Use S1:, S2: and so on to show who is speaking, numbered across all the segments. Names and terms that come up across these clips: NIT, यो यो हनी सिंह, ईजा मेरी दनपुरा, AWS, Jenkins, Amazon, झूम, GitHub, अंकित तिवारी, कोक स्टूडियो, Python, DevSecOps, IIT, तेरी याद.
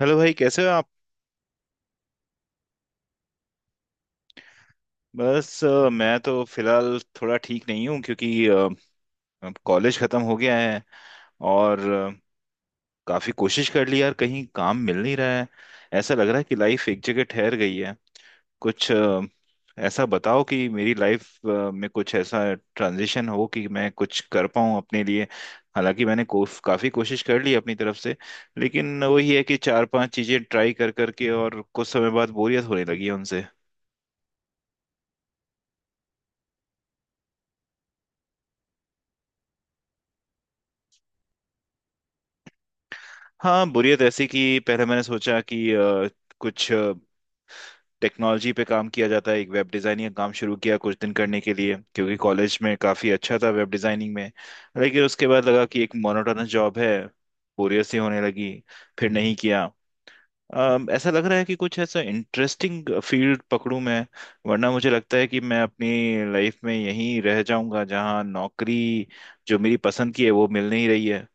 S1: Hello भाई, कैसे हो आप? मैं तो फिलहाल थोड़ा ठीक नहीं हूँ क्योंकि अब कॉलेज ख़त्म हो गया है। और काफ़ी कोशिश कर ली यार, कहीं काम मिल नहीं रहा है। ऐसा लग रहा है कि लाइफ एक जगह ठहर गई है। कुछ ऐसा बताओ कि मेरी लाइफ में कुछ ऐसा ट्रांजिशन हो कि मैं कुछ कर पाऊँ अपने लिए। हालांकि मैंने काफ़ी कोशिश कर ली अपनी तरफ से, लेकिन वही है कि चार पांच चीज़ें ट्राई कर करके और कुछ समय बाद बोरियत होने लगी है। हाँ, बुरियत ऐसी कि पहले मैंने सोचा कि कुछ टेक्नोलॉजी पे काम किया जाता है। एक वेब डिज़ाइनिंग का काम शुरू किया कुछ दिन करने के लिए, क्योंकि कॉलेज में काफ़ी अच्छा था वेब डिज़ाइनिंग में। लेकिन उसके बाद लगा कि एक मोनोटोनस जॉब है, बोरियत सी होने लगी, फिर नहीं किया। ऐसा लग रहा है कि कुछ ऐसा इंटरेस्टिंग फील्ड पकड़ूं मैं। वरना मुझे लगता है कि मैं अपनी लाइफ में यहीं रह जाऊंगा, जहां नौकरी जो मेरी पसंद की है वो मिल नहीं रही है।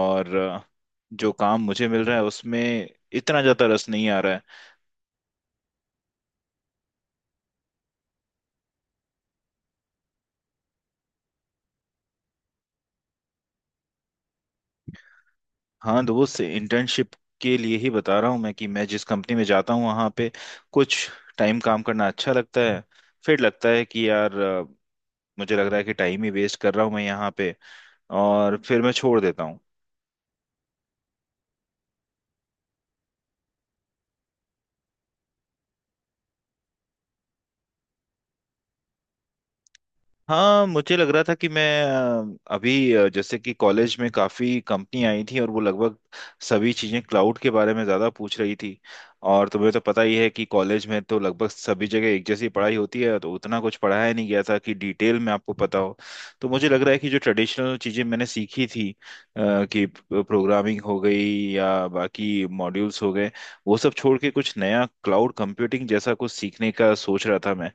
S1: और जो काम मुझे मिल रहा है उसमें इतना ज़्यादा रस नहीं आ रहा है। हाँ दोस्त, इंटर्नशिप के लिए ही बता रहा हूँ मैं कि मैं जिस कंपनी में जाता हूँ वहाँ पे कुछ टाइम काम करना अच्छा लगता है। फिर लगता है कि यार, मुझे लग रहा है कि टाइम ही वेस्ट कर रहा हूँ मैं यहाँ पे, और फिर मैं छोड़ देता हूँ। हाँ, मुझे लग रहा था कि मैं अभी जैसे कि कॉलेज में काफ़ी कंपनी आई थी, और वो लगभग सभी चीज़ें क्लाउड के बारे में ज़्यादा पूछ रही थी। और तुम्हें तो पता ही है कि कॉलेज में तो लगभग सभी जगह एक जैसी पढ़ाई होती है, तो उतना कुछ पढ़ाया नहीं गया था कि डिटेल में आपको पता हो। तो मुझे लग रहा है कि जो ट्रेडिशनल चीज़ें मैंने सीखी थी, कि प्रोग्रामिंग हो गई या बाकी मॉड्यूल्स हो गए, वो सब छोड़ के कुछ नया क्लाउड कंप्यूटिंग जैसा कुछ सीखने का सोच रहा था मैं।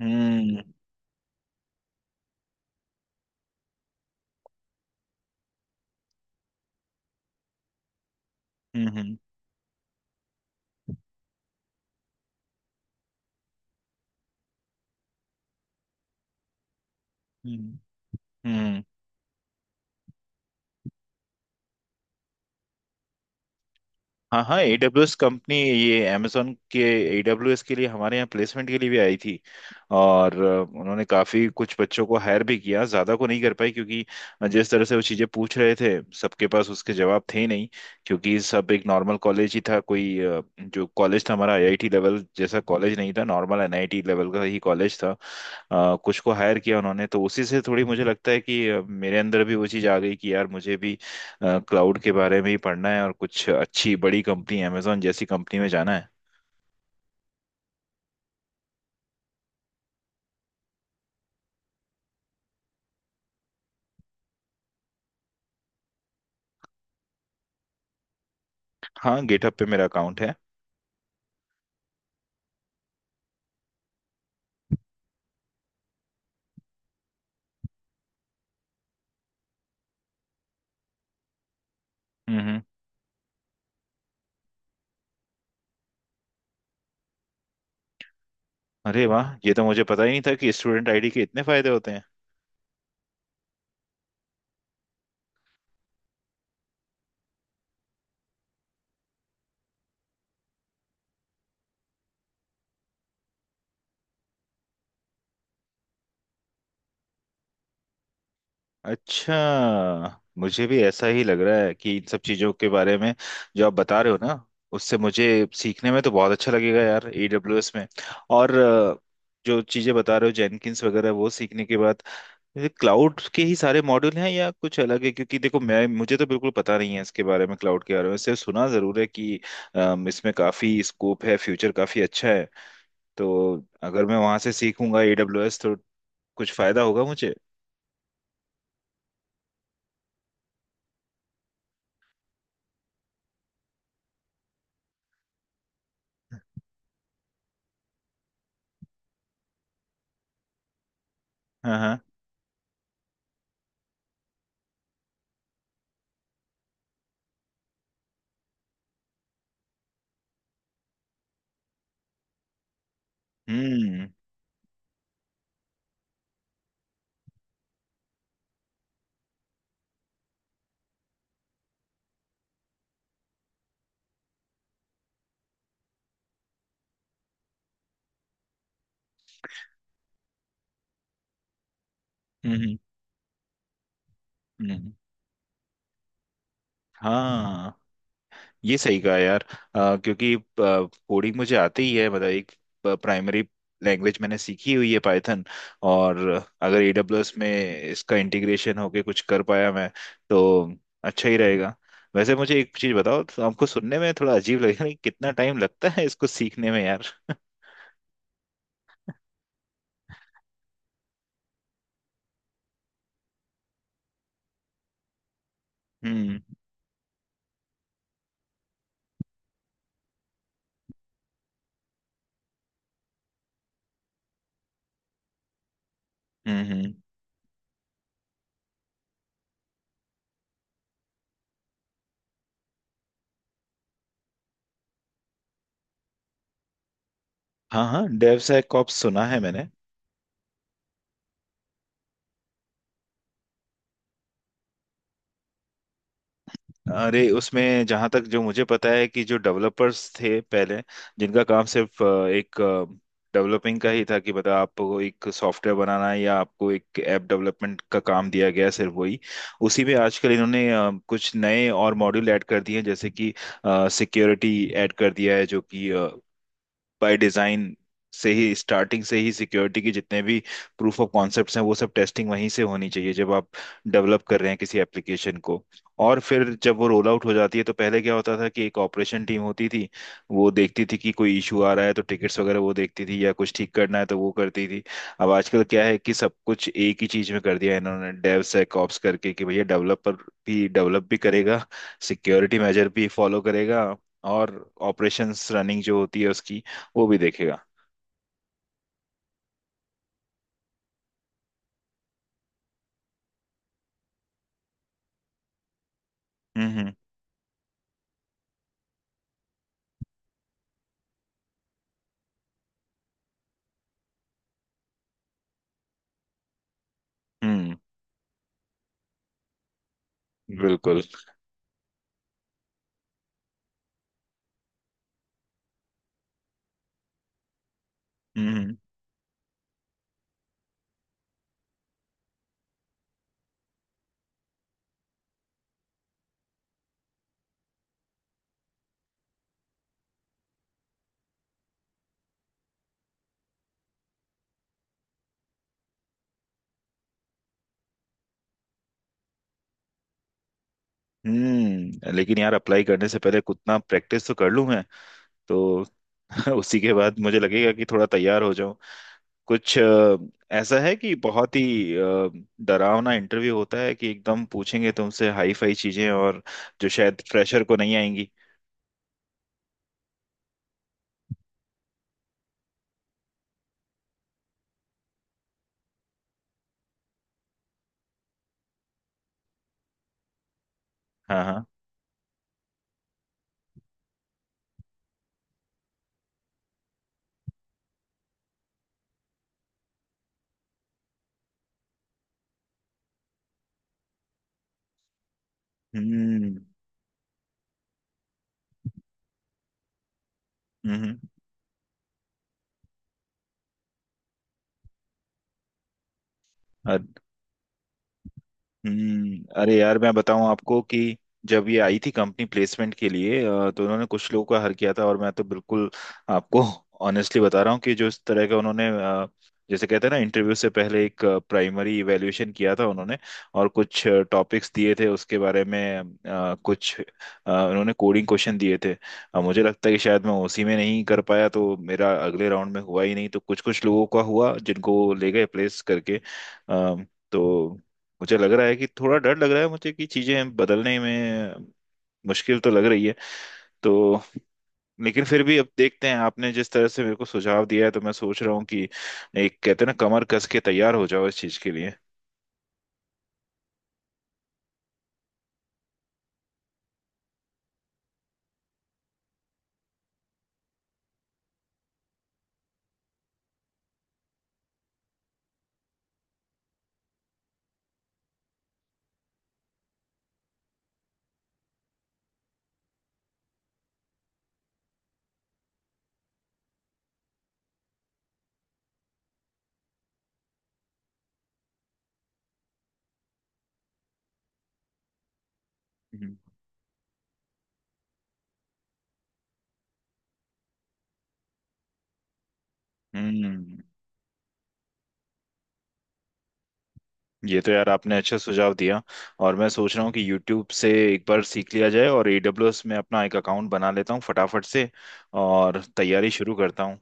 S1: हम्म। हम्म। हम्म। हम्म। हम्म। हाँ हाँ, AWS कंपनी, ये Amazon के AWS के लिए हमारे यहाँ प्लेसमेंट के लिए भी आई थी। और उन्होंने काफ़ी कुछ बच्चों को हायर भी किया, ज़्यादा को नहीं कर पाई, क्योंकि जिस तरह से वो चीज़ें पूछ रहे थे, सबके पास उसके जवाब थे ही नहीं। क्योंकि सब एक नॉर्मल कॉलेज ही था, कोई जो कॉलेज था हमारा IIT लेवल जैसा कॉलेज नहीं था, नॉर्मल NIT लेवल का ही कॉलेज था। कुछ को हायर किया उन्होंने, तो उसी से थोड़ी मुझे लगता है कि मेरे अंदर भी वो चीज़ आ गई कि यार, मुझे भी क्लाउड के बारे में ही पढ़ना है, और कुछ अच्छी बड़ी कंपनी अमेजोन जैसी कंपनी में जाना है। हाँ, गेटअप पे मेरा अकाउंट है। हम्म। हम्म। अरे वाह, ये तो मुझे पता ही नहीं था कि स्टूडेंट आईडी के इतने फायदे होते हैं। अच्छा, मुझे भी ऐसा ही लग रहा है कि इन सब चीज़ों के बारे में जो आप बता रहे हो ना, उससे मुझे सीखने में तो बहुत अच्छा लगेगा यार AWS में। और जो चीज़ें बता रहे हो जेनकिंस वगैरह वो सीखने के बाद क्लाउड के ही सारे मॉड्यूल हैं या कुछ अलग है, क्योंकि देखो मैं मुझे तो बिल्कुल पता नहीं है इसके बारे में, क्लाउड के बारे में सिर्फ सुना जरूर है कि इसमें काफी स्कोप है, फ्यूचर काफी अच्छा है। तो अगर मैं वहां से सीखूंगा एडब्ल्यूएस, तो कुछ फायदा होगा मुझे। हाँ हाँ। हम्म। हम्म। हम्म। हम्म। हाँ, ये सही कहा यार। क्योंकि कोडिंग मुझे आती ही है, मतलब एक प्राइमरी लैंग्वेज मैंने सीखी हुई है, पाइथन। और अगर AWS में इसका इंटीग्रेशन होके कुछ कर पाया मैं, तो अच्छा ही रहेगा। वैसे मुझे एक चीज बताओ, तो आपको सुनने में थोड़ा अजीब लगेगा कि कितना टाइम लगता है इसको सीखने में यार। हम्म। हम्म। हम्म। हाँ हाँ, डेव सैकऑप्स सुना है मैंने। अरे उसमें जहां तक जो मुझे पता है, कि जो डेवलपर्स थे पहले, जिनका काम सिर्फ एक डेवलपिंग का ही था, कि मतलब आपको एक सॉफ्टवेयर बनाना है या आपको एक ऐप डेवलपमेंट का काम दिया गया है, सिर्फ वही। उसी में आजकल इन्होंने कुछ नए और मॉड्यूल ऐड कर दिए हैं, जैसे कि सिक्योरिटी ऐड कर दिया है। जो कि बाय डिजाइन से ही, स्टार्टिंग से ही, सिक्योरिटी की जितने भी प्रूफ ऑफ कॉन्सेप्ट्स हैं वो सब टेस्टिंग वहीं से होनी चाहिए जब आप डेवलप कर रहे हैं किसी एप्लीकेशन को। और फिर जब वो रोल आउट हो जाती है, तो पहले क्या होता था कि एक ऑपरेशन टीम होती थी, वो देखती थी कि कोई इशू आ रहा है तो टिकट्स वगैरह वो देखती थी, या कुछ ठीक करना है तो वो करती थी। अब आजकल क्या है कि सब कुछ एक ही चीज में कर दिया है इन्होंने, डेव सेक ऑप्स करके, कि भैया डेवलपर भी डेवलप भी करेगा, सिक्योरिटी मेजर भी फॉलो करेगा, और ऑपरेशंस रनिंग जो होती है उसकी वो भी देखेगा। हम्म। हम्म। हम्म। बिल्कुल। हम्म। हम्म, लेकिन यार, अप्लाई करने से पहले उतना प्रैक्टिस तो कर लूं मैं, तो उसी के बाद मुझे लगेगा कि थोड़ा तैयार हो जाऊं। कुछ ऐसा है कि बहुत ही डरावना इंटरव्यू होता है, कि एकदम पूछेंगे तुमसे हाई फाई चीजें और जो शायद फ्रेशर को नहीं आएंगी। हाँ हाँ। हम्म। हम्म। हम्म। हम्म, अरे यार, मैं बताऊं आपको कि जब ये आई थी कंपनी प्लेसमेंट के लिए, तो उन्होंने कुछ लोगों का हर किया था, और मैं तो बिल्कुल आपको ऑनेस्टली बता रहा हूँ कि जो इस तरह का उन्होंने जैसे कहते हैं ना, इंटरव्यू से पहले एक प्राइमरी इवैल्यूएशन किया था उन्होंने, और कुछ टॉपिक्स दिए थे उसके बारे में। कुछ उन्होंने कोडिंग क्वेश्चन दिए थे। मुझे लगता है कि शायद मैं उसी में नहीं कर पाया, तो मेरा अगले राउंड में हुआ ही नहीं, तो कुछ कुछ लोगों का हुआ जिनको ले गए प्लेस करके। अ, तो मुझे लग रहा है कि थोड़ा डर लग रहा है मुझे कि चीजें बदलने में मुश्किल तो लग रही है। तो लेकिन फिर भी अब देखते हैं, आपने जिस तरह से मेरे को सुझाव दिया है, तो मैं सोच रहा हूँ कि एक, कहते हैं ना, कमर कस के तैयार हो जाओ इस चीज के लिए। हम्म। हम्म। ये तो यार, आपने अच्छा सुझाव दिया। और मैं सोच रहा हूँ कि YouTube से एक बार सीख लिया जाए और AWS में अपना एक अकाउंट बना लेता हूँ फटाफट से, और तैयारी शुरू करता हूँ।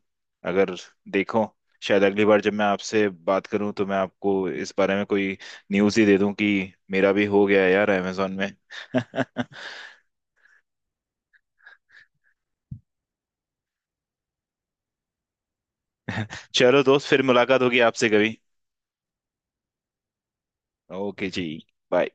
S1: अगर देखो, शायद अगली बार जब मैं आपसे बात करूँ, तो मैं आपको इस बारे में कोई न्यूज़ ही दे दूँ कि मेरा भी हो गया है यार Amazon में। चलो दोस्त, फिर मुलाकात होगी आपसे कभी। ओके जी। बाय।